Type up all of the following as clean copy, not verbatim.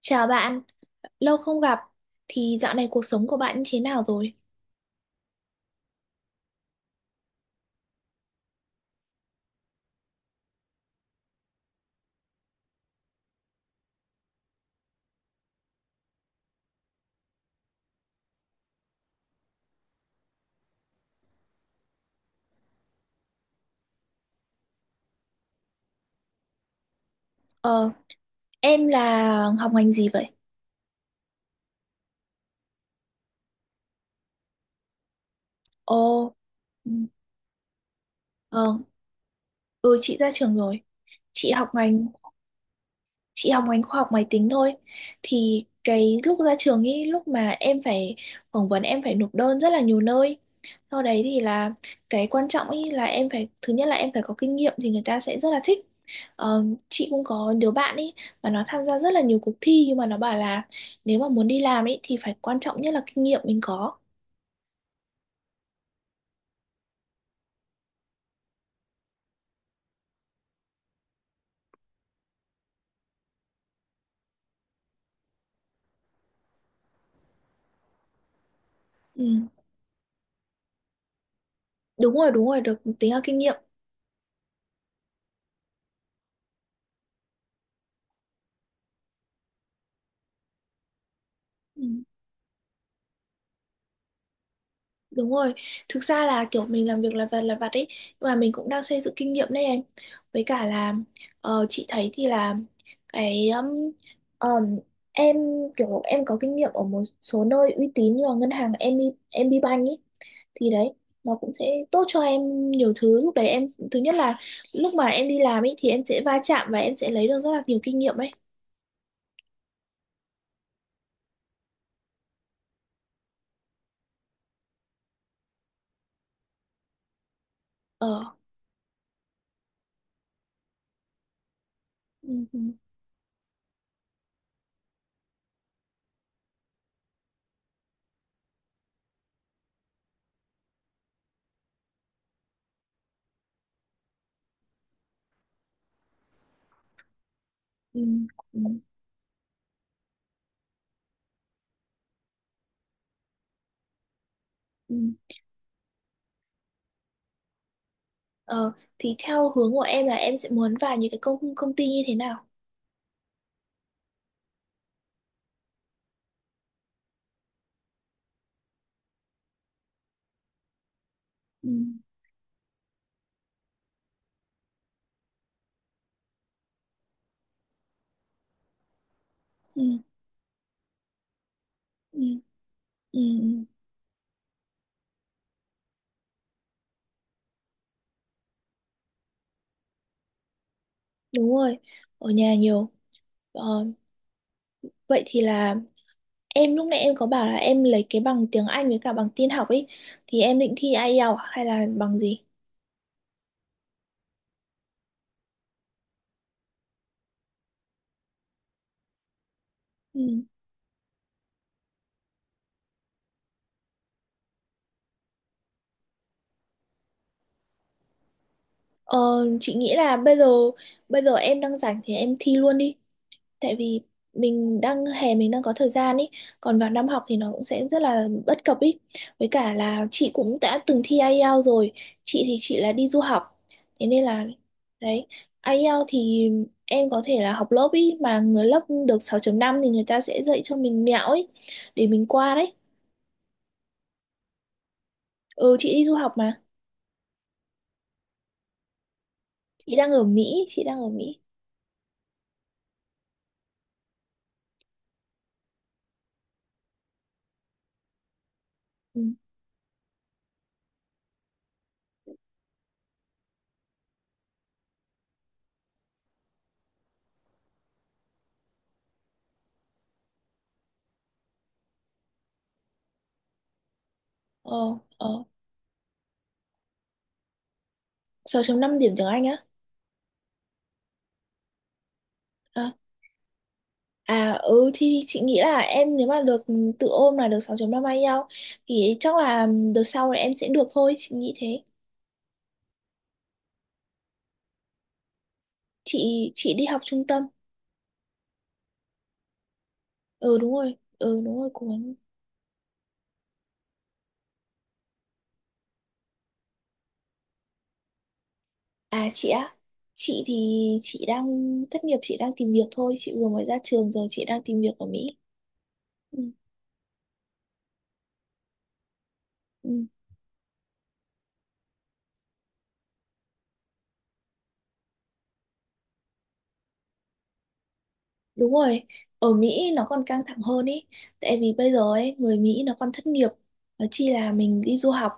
Chào bạn, lâu không gặp. Thì dạo này cuộc sống của bạn như thế nào rồi? Ờ, em là học ngành gì vậy? Ồ. Ừ. Ờ. Ừ, chị ra trường rồi. Chị học ngành chị học ngành khoa học máy tính thôi. Thì cái lúc ra trường ý, lúc mà em phải phỏng vấn, em phải nộp đơn rất là nhiều nơi. Sau đấy thì là cái quan trọng ý là em phải, thứ nhất là em phải có kinh nghiệm thì người ta sẽ rất là thích. Ờ, chị cũng có đứa bạn ý, mà nó tham gia rất là nhiều cuộc thi, nhưng mà nó bảo là nếu mà muốn đi làm ý thì phải, quan trọng nhất là kinh nghiệm mình có. Ừ. Đúng rồi, đúng rồi, được tính là kinh nghiệm. Ừ. Đúng rồi, thực ra là kiểu mình làm việc là vặt ấy, nhưng mà mình cũng đang xây dựng kinh nghiệm đấy em. Với cả là, ờ, chị thấy thì là cái um, em kiểu em có kinh nghiệm ở một số nơi uy tín như là ngân hàng em bê, em MB Bank ấy, thì đấy, nó cũng sẽ tốt cho em nhiều thứ. Lúc đấy em thứ nhất là, lúc mà em đi làm ấy thì em sẽ va chạm và em sẽ lấy được rất là nhiều kinh nghiệm ấy. Ờ. Ừ, ừ, ừ, ừ, ừ. Ờ, thì theo hướng của em là em sẽ muốn vào những cái công công ty như thế nào? Ừ, ừ, ừ, ừ, ừ. Đúng rồi, ở nhà nhiều. Ờ, vậy thì là em lúc nãy em có bảo là em lấy cái bằng tiếng Anh với cả bằng tin học ấy, thì em định thi IELTS à, hay là bằng gì? Ừ. Ờ, chị nghĩ là bây giờ em đang rảnh thì em thi luôn đi. Tại vì mình đang hè, mình đang có thời gian ý, còn vào năm học thì nó cũng sẽ rất là bất cập ý. Với cả là chị cũng đã từng thi IELTS rồi, chị thì chị là đi du học, thế nên là đấy. IELTS thì em có thể là học lớp ý, mà người lớp được 6.5 thì người ta sẽ dạy cho mình mẹo ấy để mình qua đấy. Ừ, chị đi du học mà. Chị đang ở Mỹ, chị đang ở Mỹ. Ừ. Ờ, ờ, 6.5 điểm tiếng Anh á. À. À, ừ, thì chị nghĩ là em nếu mà được tự ôm là được 6.3 may nhau thì chắc là đợt sau là em sẽ được thôi, chị nghĩ thế. Chị đi học trung tâm. Ừ đúng rồi, ừ đúng rồi, cố gắng. À, chị á. Chị thì chị đang thất nghiệp, chị đang tìm việc thôi, chị vừa mới ra trường rồi, chị đang tìm việc ở Mỹ. Ừ. Ừ. Đúng rồi, ở Mỹ nó còn căng thẳng hơn ý, tại vì bây giờ ấy, người Mỹ nó còn thất nghiệp, nó chi là mình đi du học.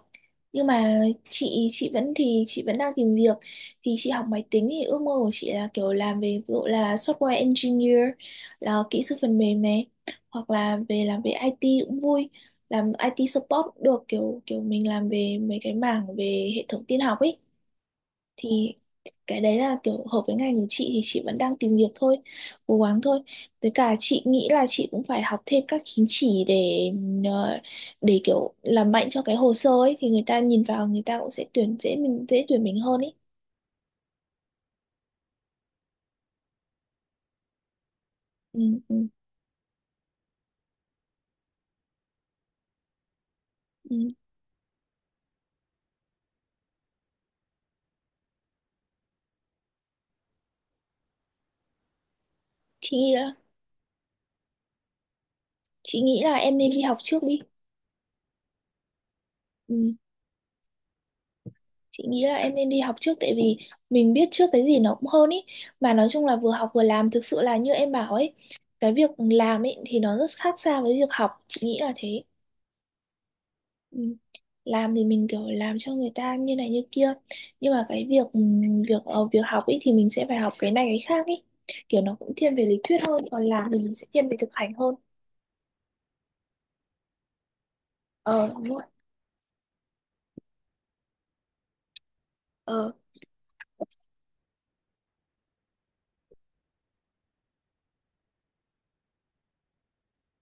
Nhưng mà chị vẫn, thì chị vẫn đang tìm việc. Thì chị học máy tính thì ước mơ của chị là kiểu làm về ví dụ là software engineer, là kỹ sư phần mềm này, hoặc là về làm về IT cũng vui, làm IT support cũng được, kiểu kiểu mình làm về mấy cái mảng về hệ thống tin học ấy. Thì cái đấy là kiểu hợp với ngành của chị, thì chị vẫn đang tìm việc thôi, cố gắng thôi. Với cả chị nghĩ là chị cũng phải học thêm các chứng chỉ ờ, để kiểu làm mạnh cho cái hồ sơ ấy, thì người ta nhìn vào, người ta cũng sẽ tuyển dễ, mình dễ tuyển mình hơn ấy. Ừ, ừ, ừ. chị nghĩ là chị nghĩ là em nên đi học trước đi. Ừ. Chị nghĩ là em nên đi học trước tại vì mình biết trước cái gì nó cũng hơn ý, mà nói chung là vừa học vừa làm thực sự là như em bảo ấy, cái việc làm ấy thì nó rất khác xa với việc học, chị nghĩ là thế. Ừ. Làm thì mình kiểu làm cho người ta như này như kia, nhưng mà cái việc ừ, việc ờ, việc học ấy thì mình sẽ phải học cái này cái khác ấy, kiểu nó cũng thiên về lý thuyết hơn, còn làm thì mình sẽ thiên về thực hành hơn. Ờ, đúng rồi. Ờ.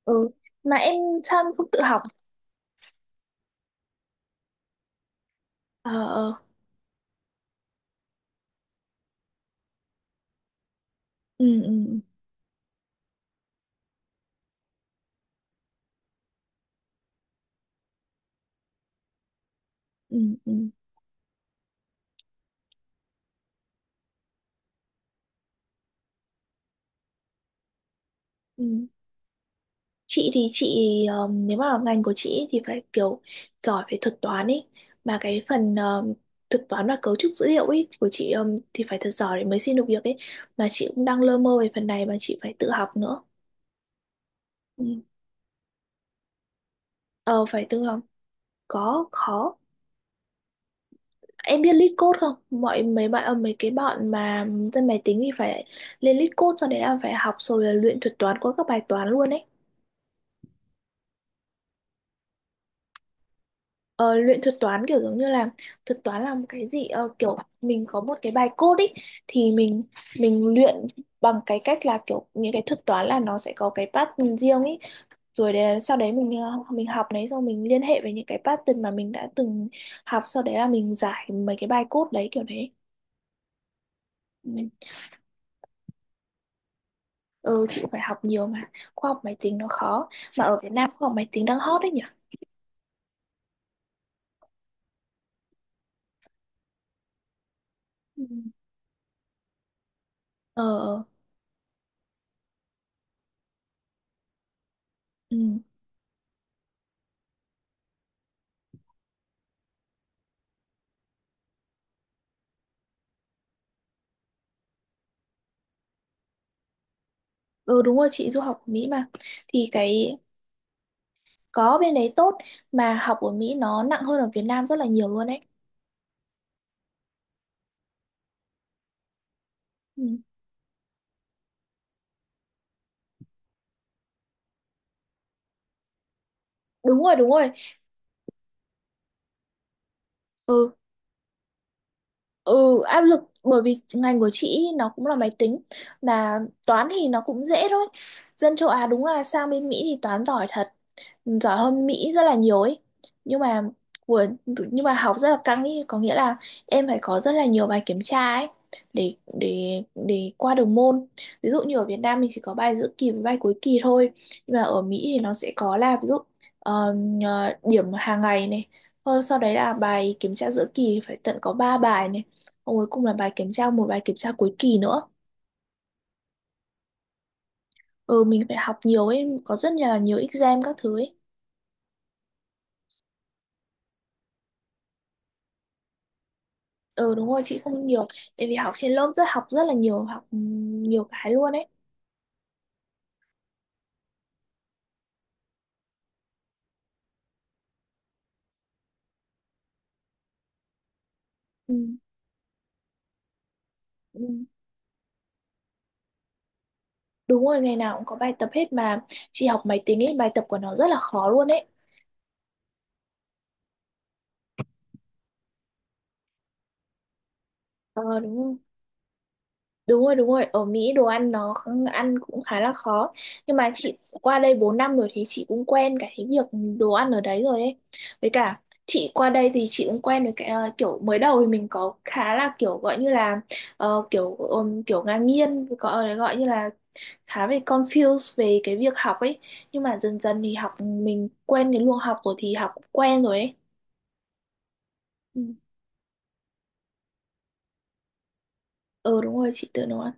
Ừ. Mà em sao em không tự học? Ờ, ờ. Ừ, ừ, ừ, ừ, ừ, ừ. Chị thì chị, nếu mà ngành của chị thì phải kiểu giỏi về thuật toán ấy, mà cái phần thuật toán và cấu trúc dữ liệu ấy của chị thì phải thật giỏi để mới xin được việc ấy, mà chị cũng đang lơ mơ về phần này, mà chị phải tự học nữa. Ừ. Ờ, phải tự học. Có khó. Em biết lead code không? Mọi mấy bạn, mấy cái bọn mà dân máy tính thì phải lên lead code, sau đấy là phải học, rồi là luyện thuật toán qua các bài toán luôn ấy. Ờ, luyện thuật toán kiểu giống như là, thuật toán là một cái gì, kiểu mình có một cái bài code ý, thì mình luyện bằng cái cách là kiểu những cái thuật toán là nó sẽ có cái pattern riêng ý, rồi để, sau đấy mình học đấy xong mình liên hệ với những cái pattern mà mình đã từng học, sau đấy là mình giải mấy cái bài code đấy kiểu đấy. Ừ. Ừ, chị phải học nhiều mà, khoa học máy tính nó khó. Mà ở Việt Nam khoa học máy tính đang hot đấy nhỉ. Ừ. Ờ. Ừ. Ừ đúng rồi, chị du học ở Mỹ mà. Thì cái, có, bên đấy tốt, mà học ở Mỹ nó nặng hơn ở Việt Nam rất là nhiều luôn đấy. Ừ. Đúng rồi, đúng rồi. Ừ, ừ, áp lực bởi vì ngành của chị nó cũng là máy tính, mà toán thì nó cũng dễ thôi. Dân châu Á đúng là sang bên Mỹ thì toán giỏi thật, giỏi hơn Mỹ rất là nhiều ấy, nhưng mà của, nhưng mà học rất là căng ấy, có nghĩa là em phải có rất là nhiều bài kiểm tra ấy để để để qua được môn. Ví dụ như ở Việt Nam mình chỉ có bài giữa kỳ với bài cuối kỳ thôi, nhưng mà ở Mỹ thì nó sẽ có là, ví dụ, ờ, điểm hàng ngày này. Thôi sau đấy là bài kiểm tra giữa kỳ phải tận có 3 bài này. Xong cuối cùng là bài kiểm tra, một bài kiểm tra cuối kỳ nữa. Ừ, mình phải học nhiều ấy, có rất là nhiều exam các thứ ấy. Ừ đúng rồi, chị không nhiều tại vì học trên lớp rất, học rất là nhiều, học nhiều cái luôn ấy. Ừ. Ừ, đúng rồi, ngày nào cũng có bài tập hết mà, chị học máy tính ấy, bài tập của nó rất là khó luôn ấy. Ờ, đúng rồi. Đúng rồi, đúng rồi, ở Mỹ đồ ăn nó ăn cũng khá là khó, nhưng mà chị qua đây 4 năm rồi thì chị cũng quen cái việc đồ ăn ở đấy rồi ấy. Với cả chị qua đây thì chị cũng quen với cái, kiểu mới đầu thì mình có khá là kiểu gọi như là, kiểu kiểu ngang nhiên gọi gọi như là khá bị confused về cái việc học ấy, nhưng mà dần dần thì học mình quen cái luồng học rồi thì học quen rồi ấy. Ừ. Ờ, đúng rồi, chị tự nấu ăn.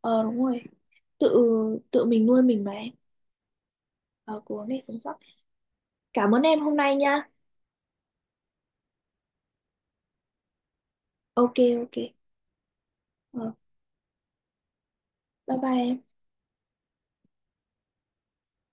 Ờ đúng rồi, tự tự mình nuôi mình mà em. Ờ, cố gắng để sống sót. Cảm ơn em hôm nay nha. Ok. Ok. Ờ, bye bye em.